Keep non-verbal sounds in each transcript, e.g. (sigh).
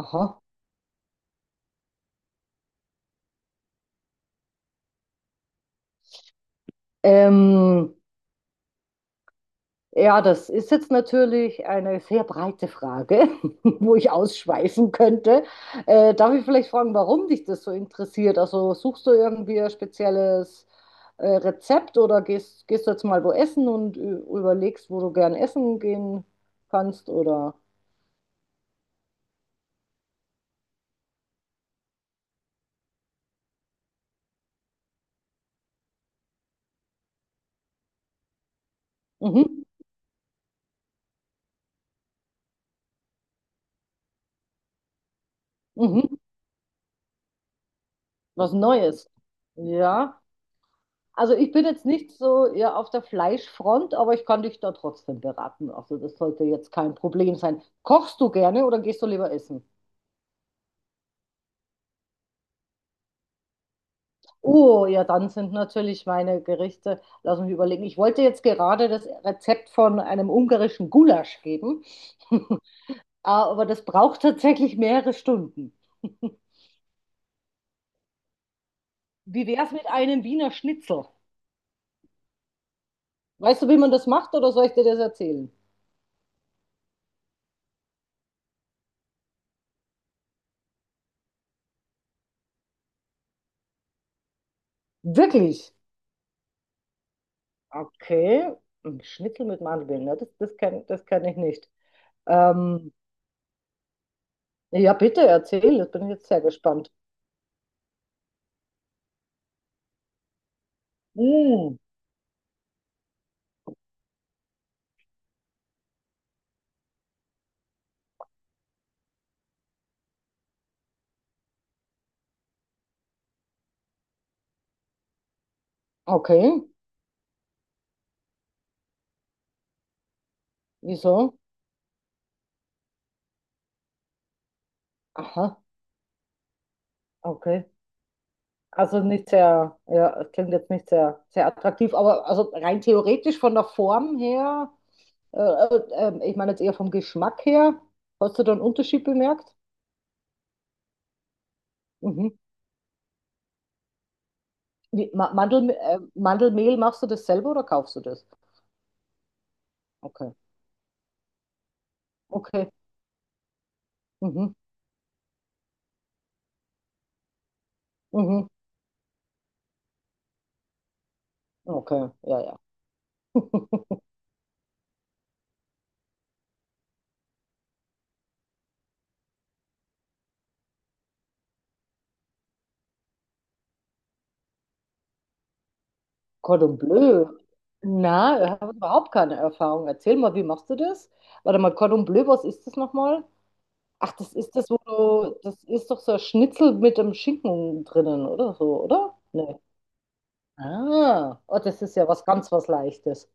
Aha. Ähm, ja, das ist jetzt natürlich eine sehr breite Frage, (laughs) wo ich ausschweifen könnte. Darf ich vielleicht fragen, warum dich das so interessiert? Also suchst du irgendwie ein spezielles Rezept oder gehst du jetzt mal wo essen und überlegst, wo du gern essen gehen kannst oder? Mhm. Mhm. Was Neues? Ja. Also ich bin jetzt nicht so, ja, auf der Fleischfront, aber ich kann dich da trotzdem beraten. Also das sollte jetzt kein Problem sein. Kochst du gerne oder gehst du lieber essen? Oh, ja, dann sind natürlich meine Gerichte, lass mich überlegen. Ich wollte jetzt gerade das Rezept von einem ungarischen Gulasch geben, (laughs) aber das braucht tatsächlich mehrere Stunden. Wie wäre es mit einem Wiener Schnitzel? Weißt du, wie man das macht oder soll ich dir das erzählen? Wirklich? Okay, ein Schnitzel mit Mandeln, ne? Das kenn ich nicht. Ähm, ja, bitte erzähl, ich bin jetzt sehr gespannt. Hm, okay, wieso? Aha, okay. Also nicht sehr, ja, es klingt jetzt nicht sehr, sehr attraktiv, aber also rein theoretisch von der Form her, äh, äh, ich meine jetzt eher vom Geschmack her, hast du da einen Unterschied bemerkt? Mhm. Wie, Ma Mandel Mandelmehl, machst du das selber oder kaufst du das? Okay, okay, mhm, mhm, okay, ja, ja. (laughs) Cordon Bleu? Na, ich habe überhaupt keine Erfahrung. Erzähl mal, wie machst du das? Warte mal, Cordon Bleu, was ist das nochmal? Ach, das ist das, wo du, das ist doch so ein Schnitzel mit dem Schinken drinnen, oder so, oder? Nee. Ah, oh, das ist ja was ganz was Leichtes.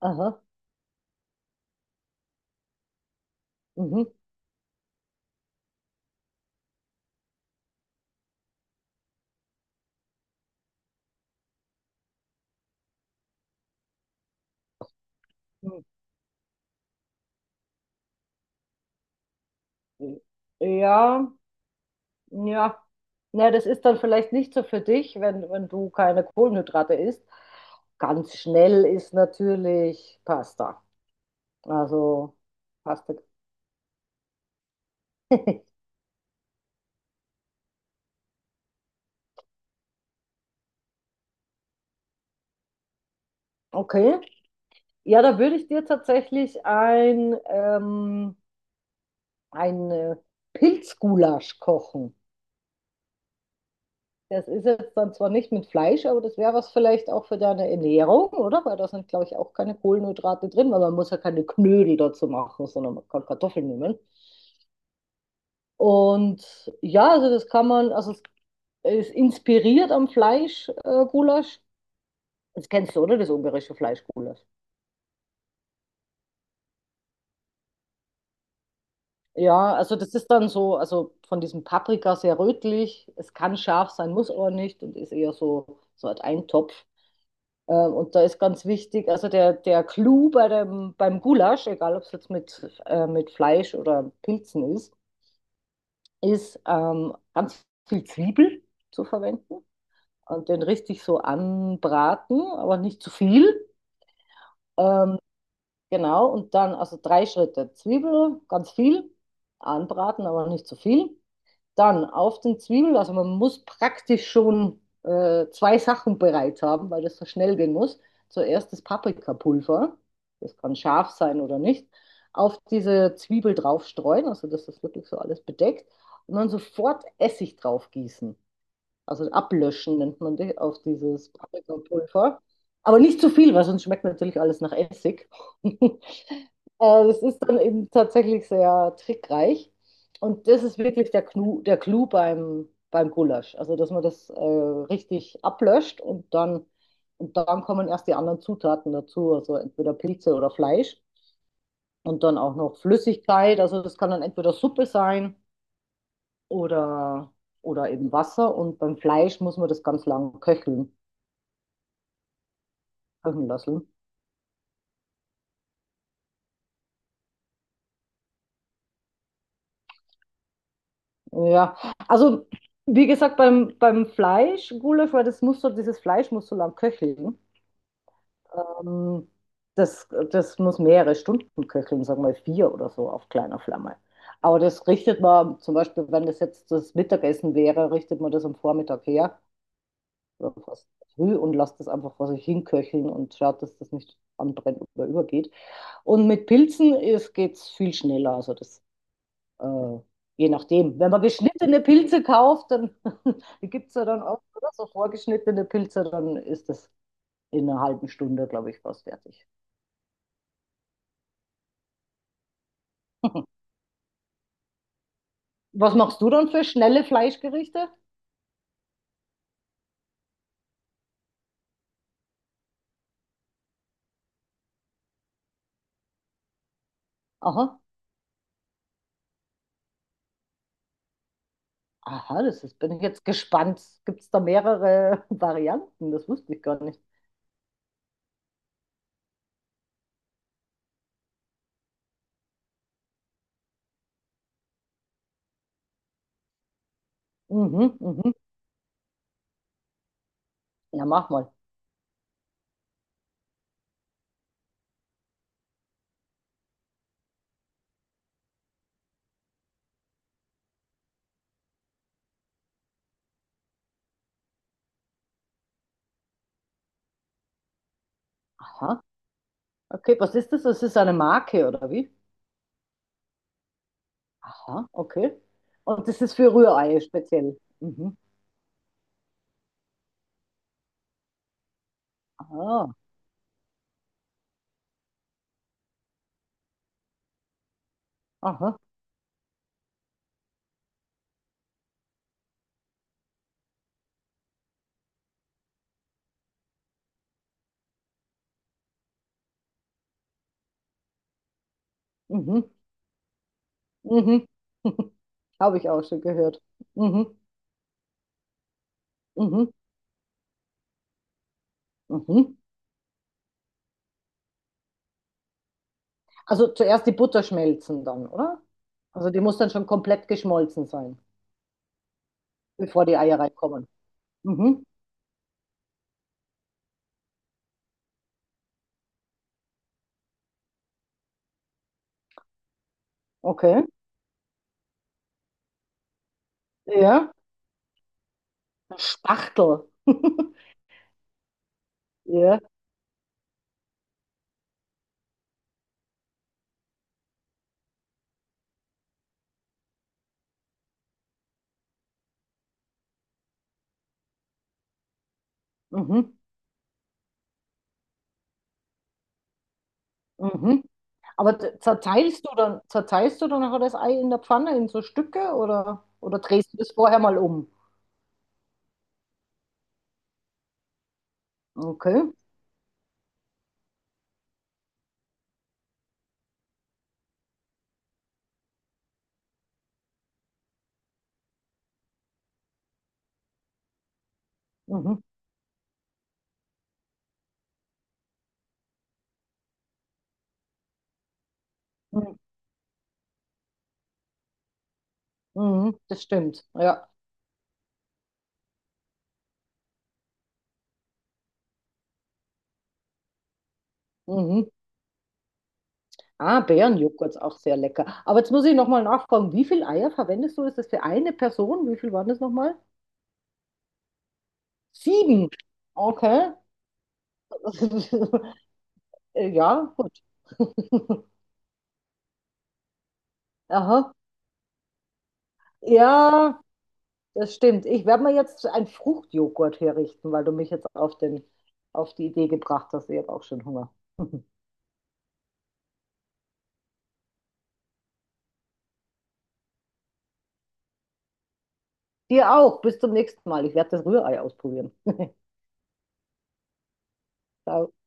Aha. Mhm. Mhm. Ja, ja. Na, das ist dann vielleicht nicht so für dich, wenn du keine Kohlenhydrate isst. Ganz schnell ist natürlich Pasta. Also Pasta Okay. Ja, da würde ich dir tatsächlich ein Pilzgulasch kochen. Das ist jetzt dann zwar nicht mit Fleisch, aber das wäre was vielleicht auch für deine Ernährung, oder? Weil da sind, glaube ich, auch keine Kohlenhydrate drin, weil man muss ja keine Knödel dazu machen, sondern man kann Kartoffeln nehmen. Und ja, also das kann man, also es ist inspiriert am Fleischgulasch. Gulasch. Das kennst du, oder? Das ungarische Fleischgulasch. Ja, also das ist dann so, also von diesem Paprika sehr rötlich. Es kann scharf sein, muss aber nicht und ist eher so halt ein Topf. Und da ist ganz wichtig, also der Clou beim Gulasch, egal ob es jetzt mit Fleisch oder Pilzen ist, ist ganz viel Zwiebel zu verwenden und den richtig so anbraten, aber nicht zu viel. Ähm, genau, und dann also drei Schritte Zwiebel, ganz viel, anbraten, aber nicht zu viel. Dann auf den Zwiebel, also man muss praktisch schon zwei Sachen bereit haben, weil das so schnell gehen muss. Zuerst das Paprikapulver, das kann scharf sein oder nicht, auf diese Zwiebel draufstreuen, also dass das wirklich so alles bedeckt, und dann sofort Essig draufgießen, also ablöschen nennt man die, auf dieses Paprikapulver. Aber nicht zu viel, weil sonst schmeckt natürlich alles nach Essig. (laughs) Das ist dann eben tatsächlich sehr trickreich. Und das ist wirklich der Clou beim Gulasch. Also, dass man das richtig ablöscht, und dann kommen erst die anderen Zutaten dazu, also entweder Pilze oder Fleisch und dann auch noch Flüssigkeit. Also, das kann dann entweder Suppe sein oder, oder eben Wasser. Und beim Fleisch muss man das ganz lang köcheln lassen. Ja, also wie gesagt, beim Fleisch, Gulasch, weil dieses Fleisch muss so lang köcheln. Ähm, das muss mehrere Stunden köcheln, sagen wir vier oder so auf kleiner Flamme. Aber das richtet man zum Beispiel, wenn das jetzt das Mittagessen wäre, richtet man das am Vormittag her oder fast früh und lasst das einfach vor sich hinköcheln und schaut, dass das nicht anbrennt oder übergeht. Und mit Pilzen geht es viel schneller. Also das, äh, je nachdem. Wenn man geschnittene Pilze kauft, dann (laughs) die gibt es ja dann auch, oder? So vorgeschnittene Pilze, dann ist das in einer halben Stunde, glaube ich, fast fertig. (laughs) Was machst du dann für schnelle Fleischgerichte? Aha. Aha, bin ich jetzt gespannt. Gibt es da mehrere (laughs) Varianten? Das wusste ich gar nicht. Mhm, mhm. Ja, mach mal. Aha. Okay, was ist das? Das ist eine Marke, oder wie? Aha, okay. Und das ist für Rührei speziell. Mhm. Ah, aha. Mhm. Mhm. (laughs) Habe ich auch schon gehört. Mhm. Mhm. Mhm. Also zuerst die Butter schmelzen dann, oder? Also die muss dann schon komplett geschmolzen sein, bevor die Eier reinkommen. Mhm. Okay. Ja. Spachtel. (laughs) Ja. Mhm. Mhm. Aber zerteilst du dann nachher das Ei in der Pfanne in so Stücke, oder drehst du das vorher mal um? Okay. Mhm. Mhm. Mhm. Das stimmt. Ja. Mhm. Ah, Bärenjoghurt ist auch sehr lecker. Aber jetzt muss ich nochmal nachfragen, wie viele Eier verwendest du? Ist das für eine Person? Wie viel waren das nochmal? Sieben. Okay. (laughs) Ja, gut. (laughs) Aha. Ja, das stimmt. Ich werde mir jetzt ein Fruchtjoghurt herrichten, weil du mich jetzt auf den, auf die Idee gebracht hast. Ich habe auch schon Hunger. (laughs) Dir auch. Bis zum nächsten Mal. Ich werde das Rührei ausprobieren. (laughs) Ciao.